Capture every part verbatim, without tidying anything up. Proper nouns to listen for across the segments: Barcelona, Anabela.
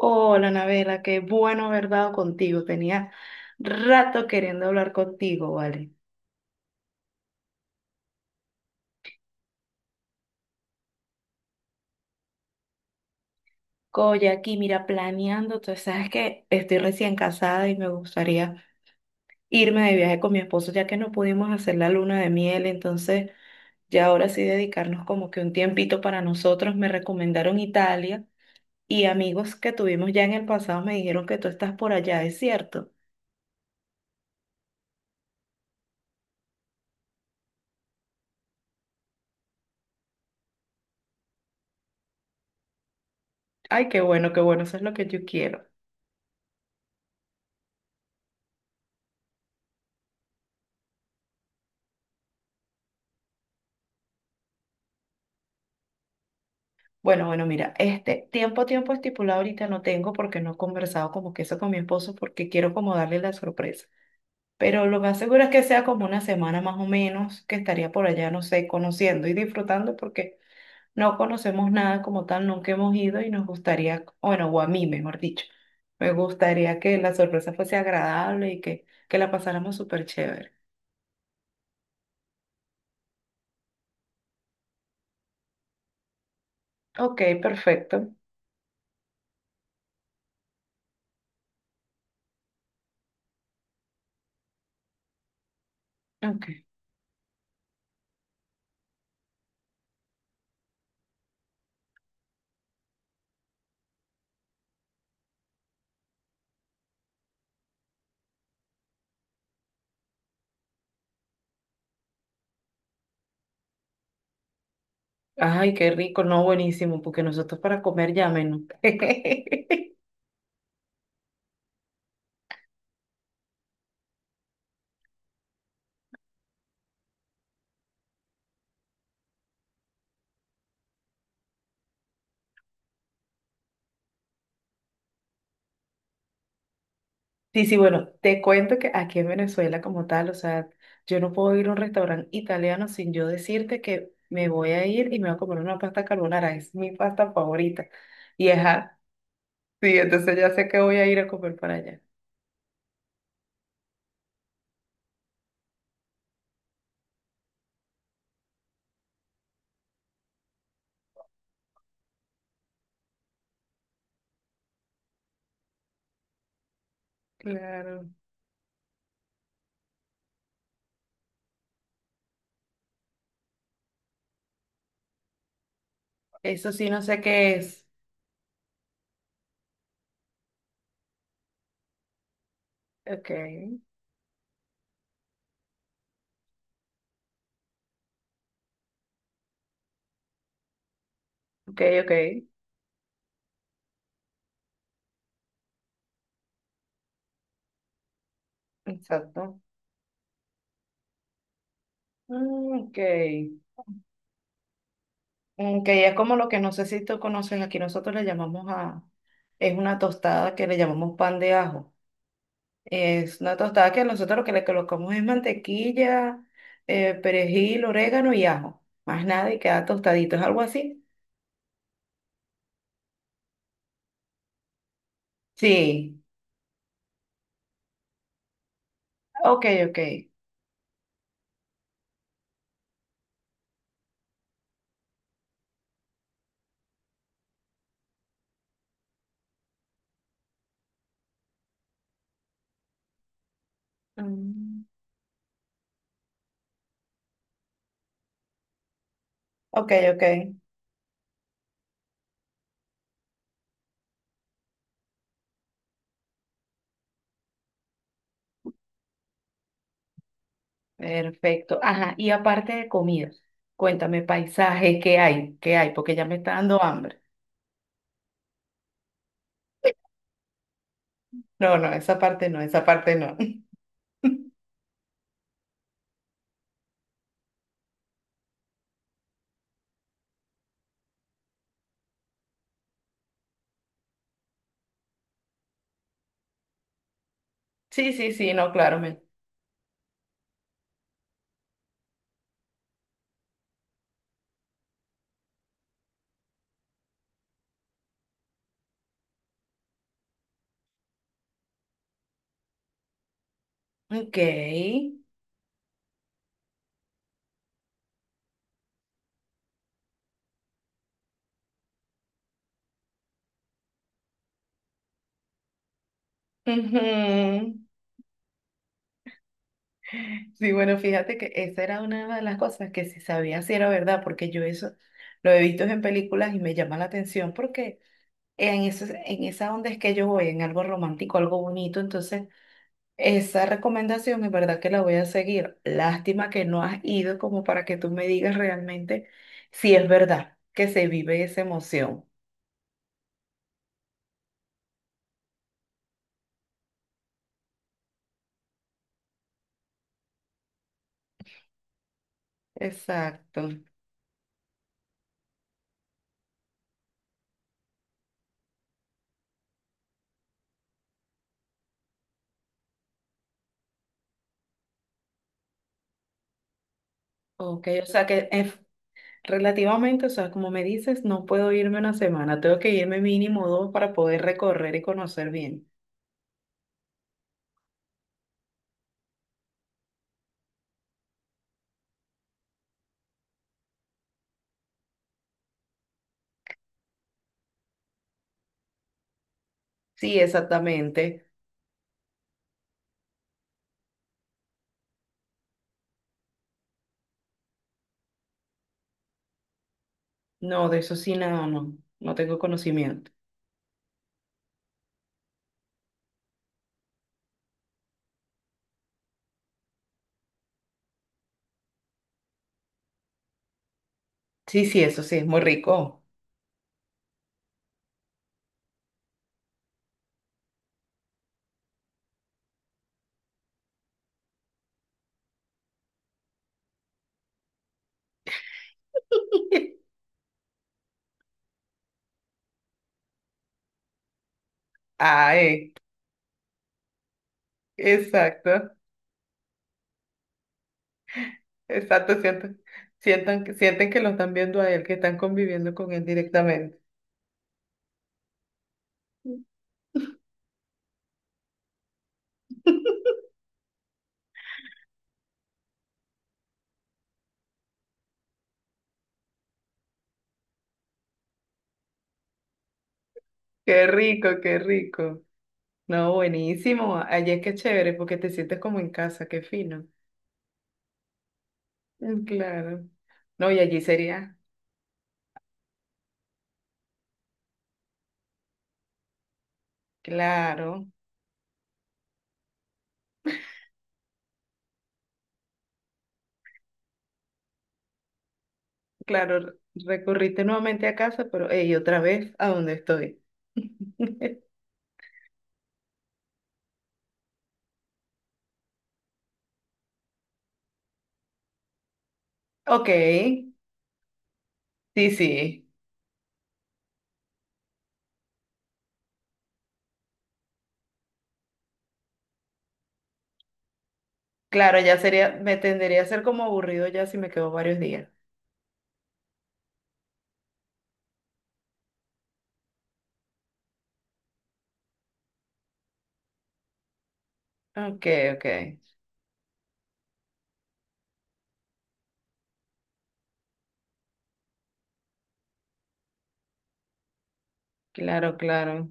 Hola, Anabela, qué bueno haber dado contigo. Tenía rato queriendo hablar contigo, ¿vale? Oye, aquí, mira, planeando, tú sabes que estoy recién casada y me gustaría irme de viaje con mi esposo, ya que no pudimos hacer la luna de miel, entonces ya ahora sí dedicarnos como que un tiempito para nosotros. Me recomendaron Italia y amigos que tuvimos ya en el pasado me dijeron que tú estás por allá, ¿es cierto? Ay, qué bueno, qué bueno, eso es lo que yo quiero. Bueno, bueno, mira, este tiempo, tiempo estipulado ahorita no tengo porque no he conversado como que eso con mi esposo porque quiero como darle la sorpresa. Pero lo más seguro es que sea como una semana más o menos que estaría por allá, no sé, conociendo y disfrutando porque no conocemos nada como tal, nunca hemos ido y nos gustaría, bueno, o a mí mejor dicho, me gustaría que la sorpresa fuese agradable y que, que la pasáramos súper chévere. Ok, perfecto. Ok. Ay, qué rico, no, buenísimo, porque nosotros para comer ya menos. Sí, sí, bueno, te cuento que aquí en Venezuela como tal, o sea, yo no puedo ir a un restaurante italiano sin yo decirte que me voy a ir y me voy a comer una pasta carbonara, es mi pasta favorita. Y ajá, sí, entonces ya sé que voy a ir a comer para allá. Claro. Eso sí, no sé qué es. Ok, ok, ok, exacto. Mm, ok, ok, es como lo que no sé si tú conoces, aquí nosotros le llamamos a, es una tostada que le llamamos pan de ajo. Es una tostada que nosotros lo que le colocamos es mantequilla, eh, perejil, orégano y ajo. Más nada y queda tostadito. ¿Es algo así? Sí. Ok, ok. Mm. Ok, ok. Perfecto. Ajá. Y aparte de comidas, cuéntame paisajes, ¿qué hay? ¿Qué hay? Porque ya me está dando hambre. No, no, esa parte no, esa parte no. Sí, sí, sí, no, claro. Me... Ok. Ujú. Sí, bueno, fíjate que esa era una de las cosas que si sabía si era verdad, porque yo eso lo he visto en películas y me llama la atención porque en eso, en esa onda es que yo voy, en algo romántico, algo bonito, entonces esa recomendación es verdad que la voy a seguir. Lástima que no has ido como para que tú me digas realmente si es verdad que se vive esa emoción. Exacto. Ok, o sea que es relativamente, o sea, como me dices, no puedo irme una semana, tengo que irme mínimo dos para poder recorrer y conocer bien. Sí, exactamente. No, de eso sí, nada, no, no tengo conocimiento. Sí, sí, eso sí, es muy rico. Ay, exacto, exacto, sienten, sientan, que- sienten que lo están viendo a él, que están conviviendo con él directamente. Qué rico, qué rico. No, buenísimo. Allí es que es chévere porque te sientes como en casa, qué fino. Mm, claro. No, y allí sería, claro, claro, recurriste nuevamente a casa, pero hey, otra vez a donde estoy. Ok, sí, sí. Claro, ya sería, me tendería a ser como aburrido ya si me quedo varios días. Ok, ok. Claro, claro.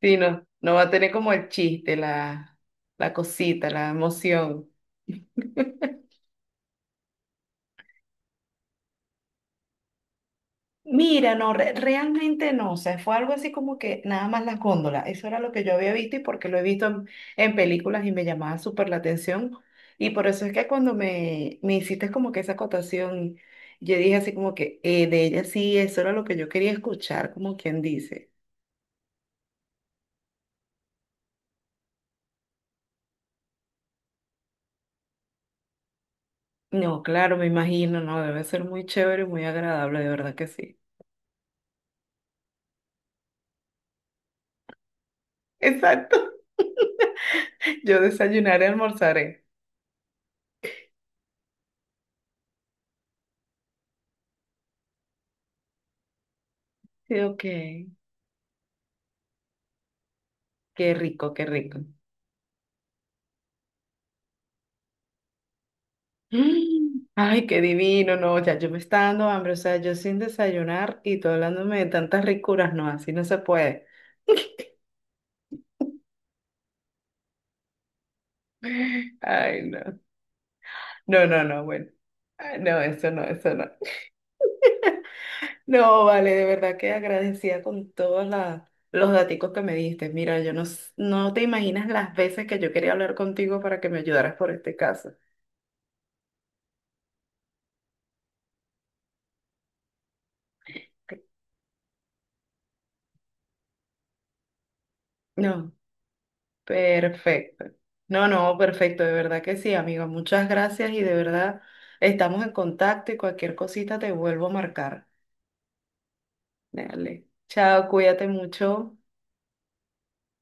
Sí, no, no va a tener como el chiste, la, la cosita, la emoción. Mira, no, re- realmente no, o sea, fue algo así como que nada más las góndolas, eso era lo que yo había visto y porque lo he visto en, en películas y me llamaba súper la atención y por eso es que cuando me, me hiciste como que esa acotación, yo dije así como que eh, de ella sí, eso era lo que yo quería escuchar, como quien dice. No, claro, me imagino, no, debe ser muy chévere y muy agradable, de verdad que sí. Exacto, yo desayunaré, almorzaré. Sí, ok, qué rico, qué rico. Mm. Ay, qué divino, no, ya yo me está dando hambre, o sea, yo sin desayunar y tú hablándome de tantas ricuras, no, así no se puede. Ay, no. No, no, no, bueno. Ay, no, eso no, eso no. No, vale, de verdad que agradecida con todos la- los daticos que me diste. Mira, yo no, s- no te imaginas las veces que yo quería hablar contigo para que me ayudaras por este caso. No. Perfecto. No, no, perfecto, de verdad que sí, amigo. Muchas gracias y de verdad estamos en contacto y cualquier cosita te vuelvo a marcar. Dale. Chao, cuídate mucho.